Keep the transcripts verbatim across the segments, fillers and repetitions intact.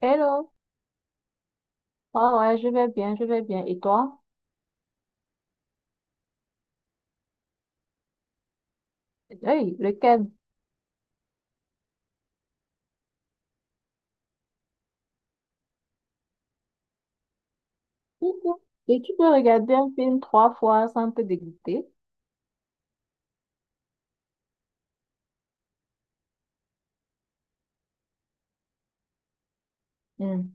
Hello. Ah ouais, je vais bien, je vais bien. Et toi? Hey, lequel? Coucou. Et tu peux regarder un film trois fois sans te dégoûter. Hmm.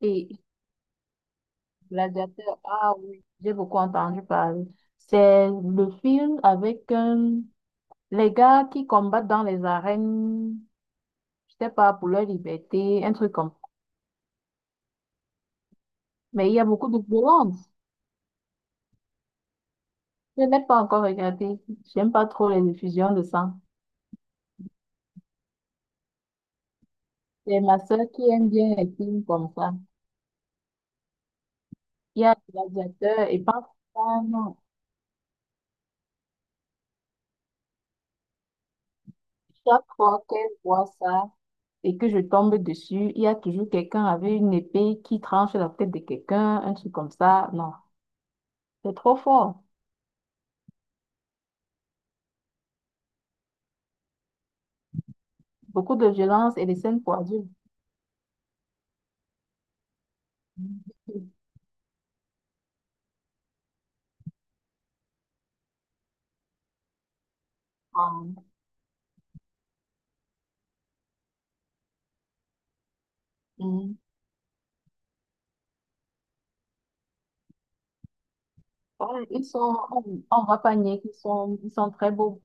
Et Gladiateur, ah oui, j'ai beaucoup entendu parler. C'est le film avec euh, les gars qui combattent dans les arènes, je sais pas, pour leur liberté, un truc comme ça. Mais il y a beaucoup de violence. Je n'ai pas encore regardé. J'aime pas trop les effusions de sang. C'est ma sœur qui aime bien les films comme ça. Il y a un gladiateur et parfois, non, chaque fois qu'elle voit ça et que je tombe dessus, il y a toujours quelqu'un avec une épée qui tranche la tête de quelqu'un, un truc comme ça. Non, c'est trop fort. Beaucoup de violence et des scènes pour adultes. Hum, hum. Ouais, ils sont, on on va pas nier qu'ils sont, ils sont très beaux.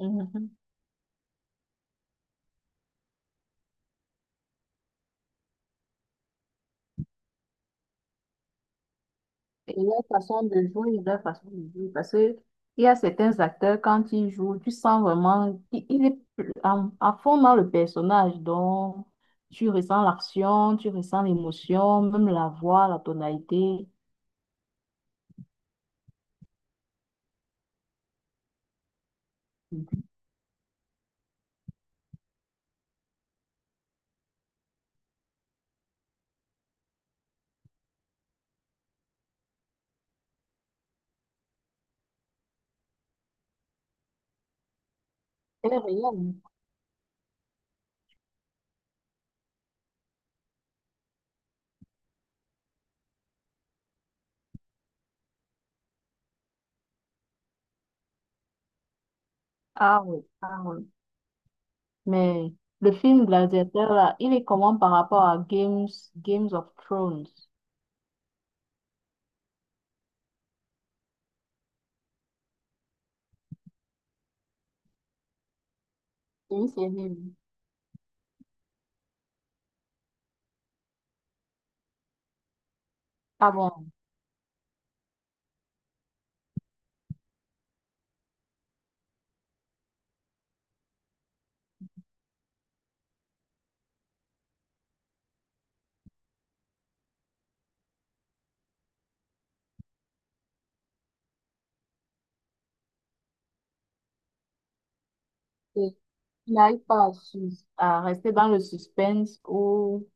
Mm-hmm. Et leur façon de jouer, leur façon de jouer. Parce que il y a certains acteurs, quand ils jouent, tu sens vraiment qu'il est en- à fond dans le personnage. Donc, tu ressens l'action, tu ressens l'émotion, même la voix, la tonalité. Elle est réelle. Ah oui, ah oui. Mais le film Gladiateur, là, il est comment par rapport à Games, Games of Thrones? C'est une série. Ah bon? Et il n'arrive pas à, sus- à rester dans le suspense ou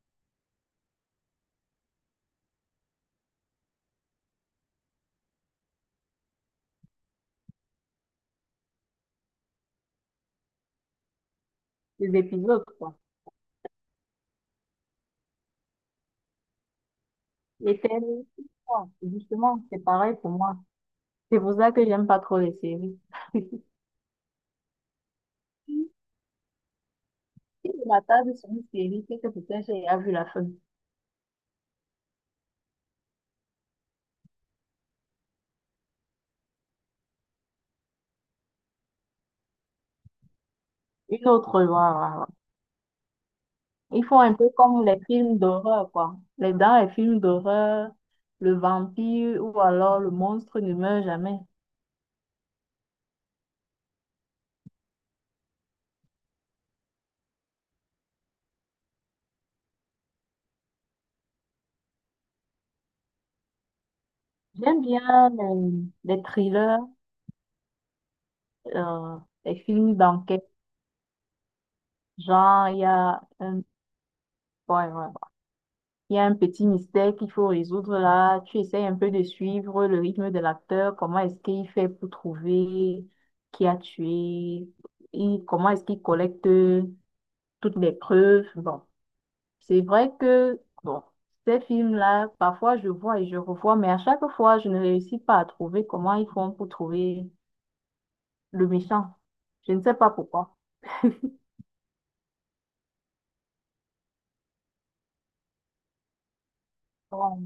les épisodes, quoi. Les séries, ouais, justement, c'est pareil pour moi. C'est pour ça que j'aime pas trop les séries. Si je m'attarde sur une série, c'est que peut-être j'ai déjà vu la fin. Une autre, voilà, voilà. Ils font un peu comme les films d'horreur, quoi. Les dans les films d'horreur, le vampire ou alors le monstre ne meurt jamais. J'aime bien les, les thrillers, euh, les films d'enquête. Genre, il y a un... Ouais, ouais. Il y a un petit mystère qu'il faut résoudre là. Tu essayes un peu de suivre le rythme de l'acteur. Comment est-ce qu'il fait pour trouver qui a tué? Et comment est-ce qu'il collecte toutes les preuves? Bon, c'est vrai que bon, ces films-là, parfois je vois et je revois, mais à chaque fois, je ne réussis pas à trouver comment ils font pour trouver le méchant. Je ne sais pas pourquoi. Oh.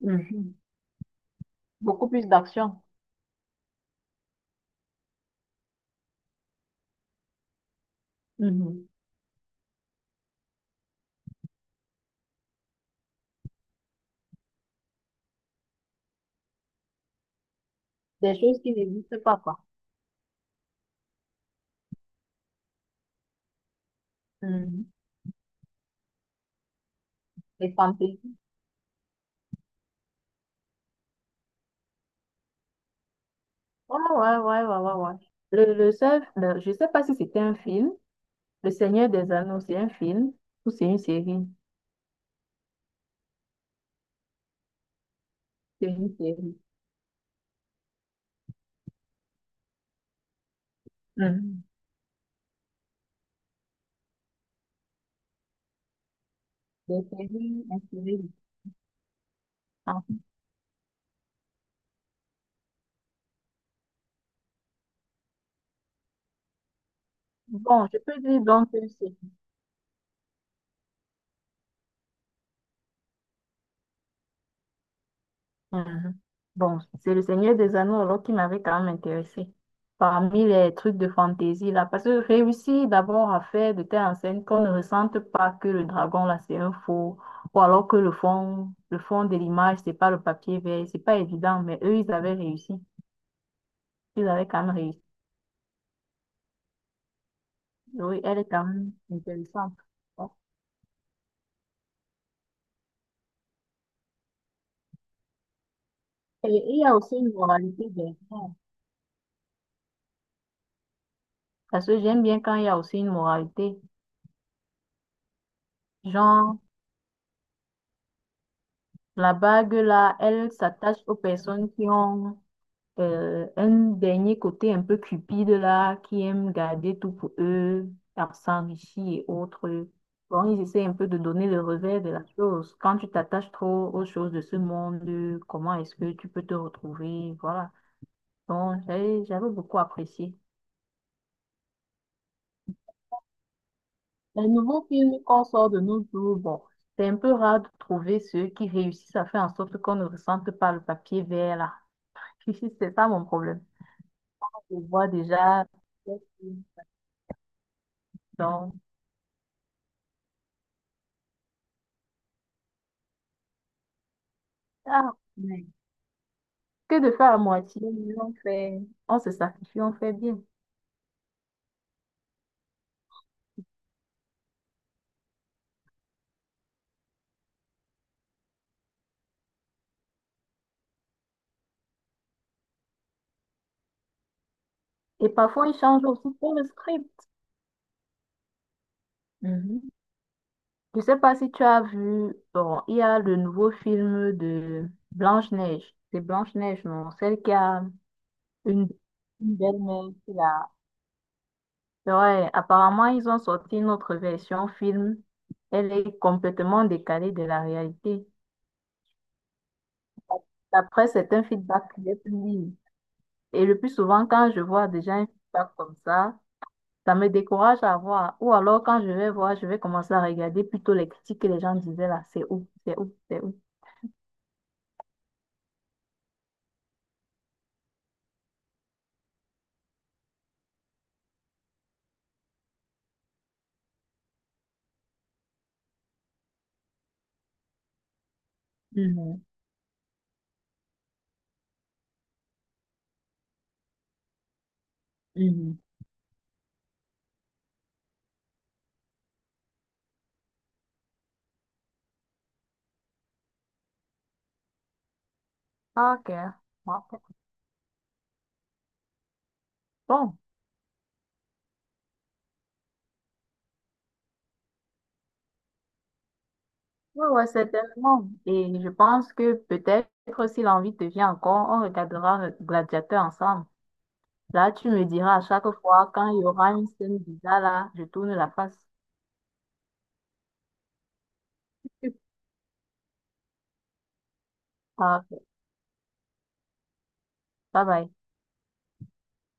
Mhm. Beaucoup plus d'action. Mhm. Des choses qui n'existent pas, quoi. Mhm. Les fantaisies. Ouais, ouais, ouais, ouais, ouais, ouais. Le, le seul, le- je sais pas si c'était un film. Le Seigneur des Anneaux, c'est un film ou c'est une série? C'est une série. Mhm. Des séries inspirées. Du- Ah. Bon, je peux dire donc que c'est. Mhm. Bon, c'est le Seigneur des Anneaux alors qui m'avait quand même intéressé. Parmi les trucs de fantaisie là, parce que réussir d'abord à faire de telles scène qu'on ne ressente pas que le dragon là c'est un faux, ou alors que le fond, le fond de l'image c'est pas le papier vert, c'est pas évident, mais eux ils avaient réussi, ils avaient quand même réussi. Oui, elle est quand même intéressante. Bon. Et il y a aussi une moralité derrière. Parce que j'aime bien quand il y a aussi une moralité. Genre, la bague là, elle s'attache aux personnes qui ont euh, un dernier côté un peu cupide là, qui aime garder tout pour eux, à s'enrichir et autres. Bon, ils essaient un peu de donner le revers de la chose. Quand tu t'attaches trop aux choses de ce monde, euh, comment est-ce que tu peux te retrouver? Voilà. Donc, j'avais j'avais beaucoup apprécié. Les nouveaux films qu'on sort de nos jours, bon, c'est un peu rare de trouver ceux qui réussissent à faire en sorte qu'on ne ressente pas le papier vert là. C'est ça mon problème. Je vois déjà. Donc, ah. Ouais. Que de faire à moitié. Mais on fait, on se sacrifie, on fait bien. Et parfois, ils changent aussi pour le script. Mhm. Je sais pas si tu as vu, bon, il y a le nouveau film de Blanche-Neige. C'est Blanche-Neige, non? Celle qui a une, une belle-mère qui l'a. Ouais, apparemment, ils ont sorti une autre version film. Elle est complètement décalée de la réalité. D'après certains feedbacks feedback que j'ai pu lire. Et le plus souvent, quand je vois déjà un feedback comme ça, Ça me décourage à voir. Ou alors, quand je vais voir, je vais commencer à regarder plutôt les critiques que les gens disaient là. C'est où? C'est où? C'est où? Mhm, mhm. Ok. Ok. Bon. Oui, ouais, ouais, certainement. Et je pense que peut-être si l'envie te vient encore, on regardera Gladiateur ensemble. Là, tu me diras à chaque fois quand il y aura une scène bizarre là, je tourne la face. Ah, ok. Bye bye.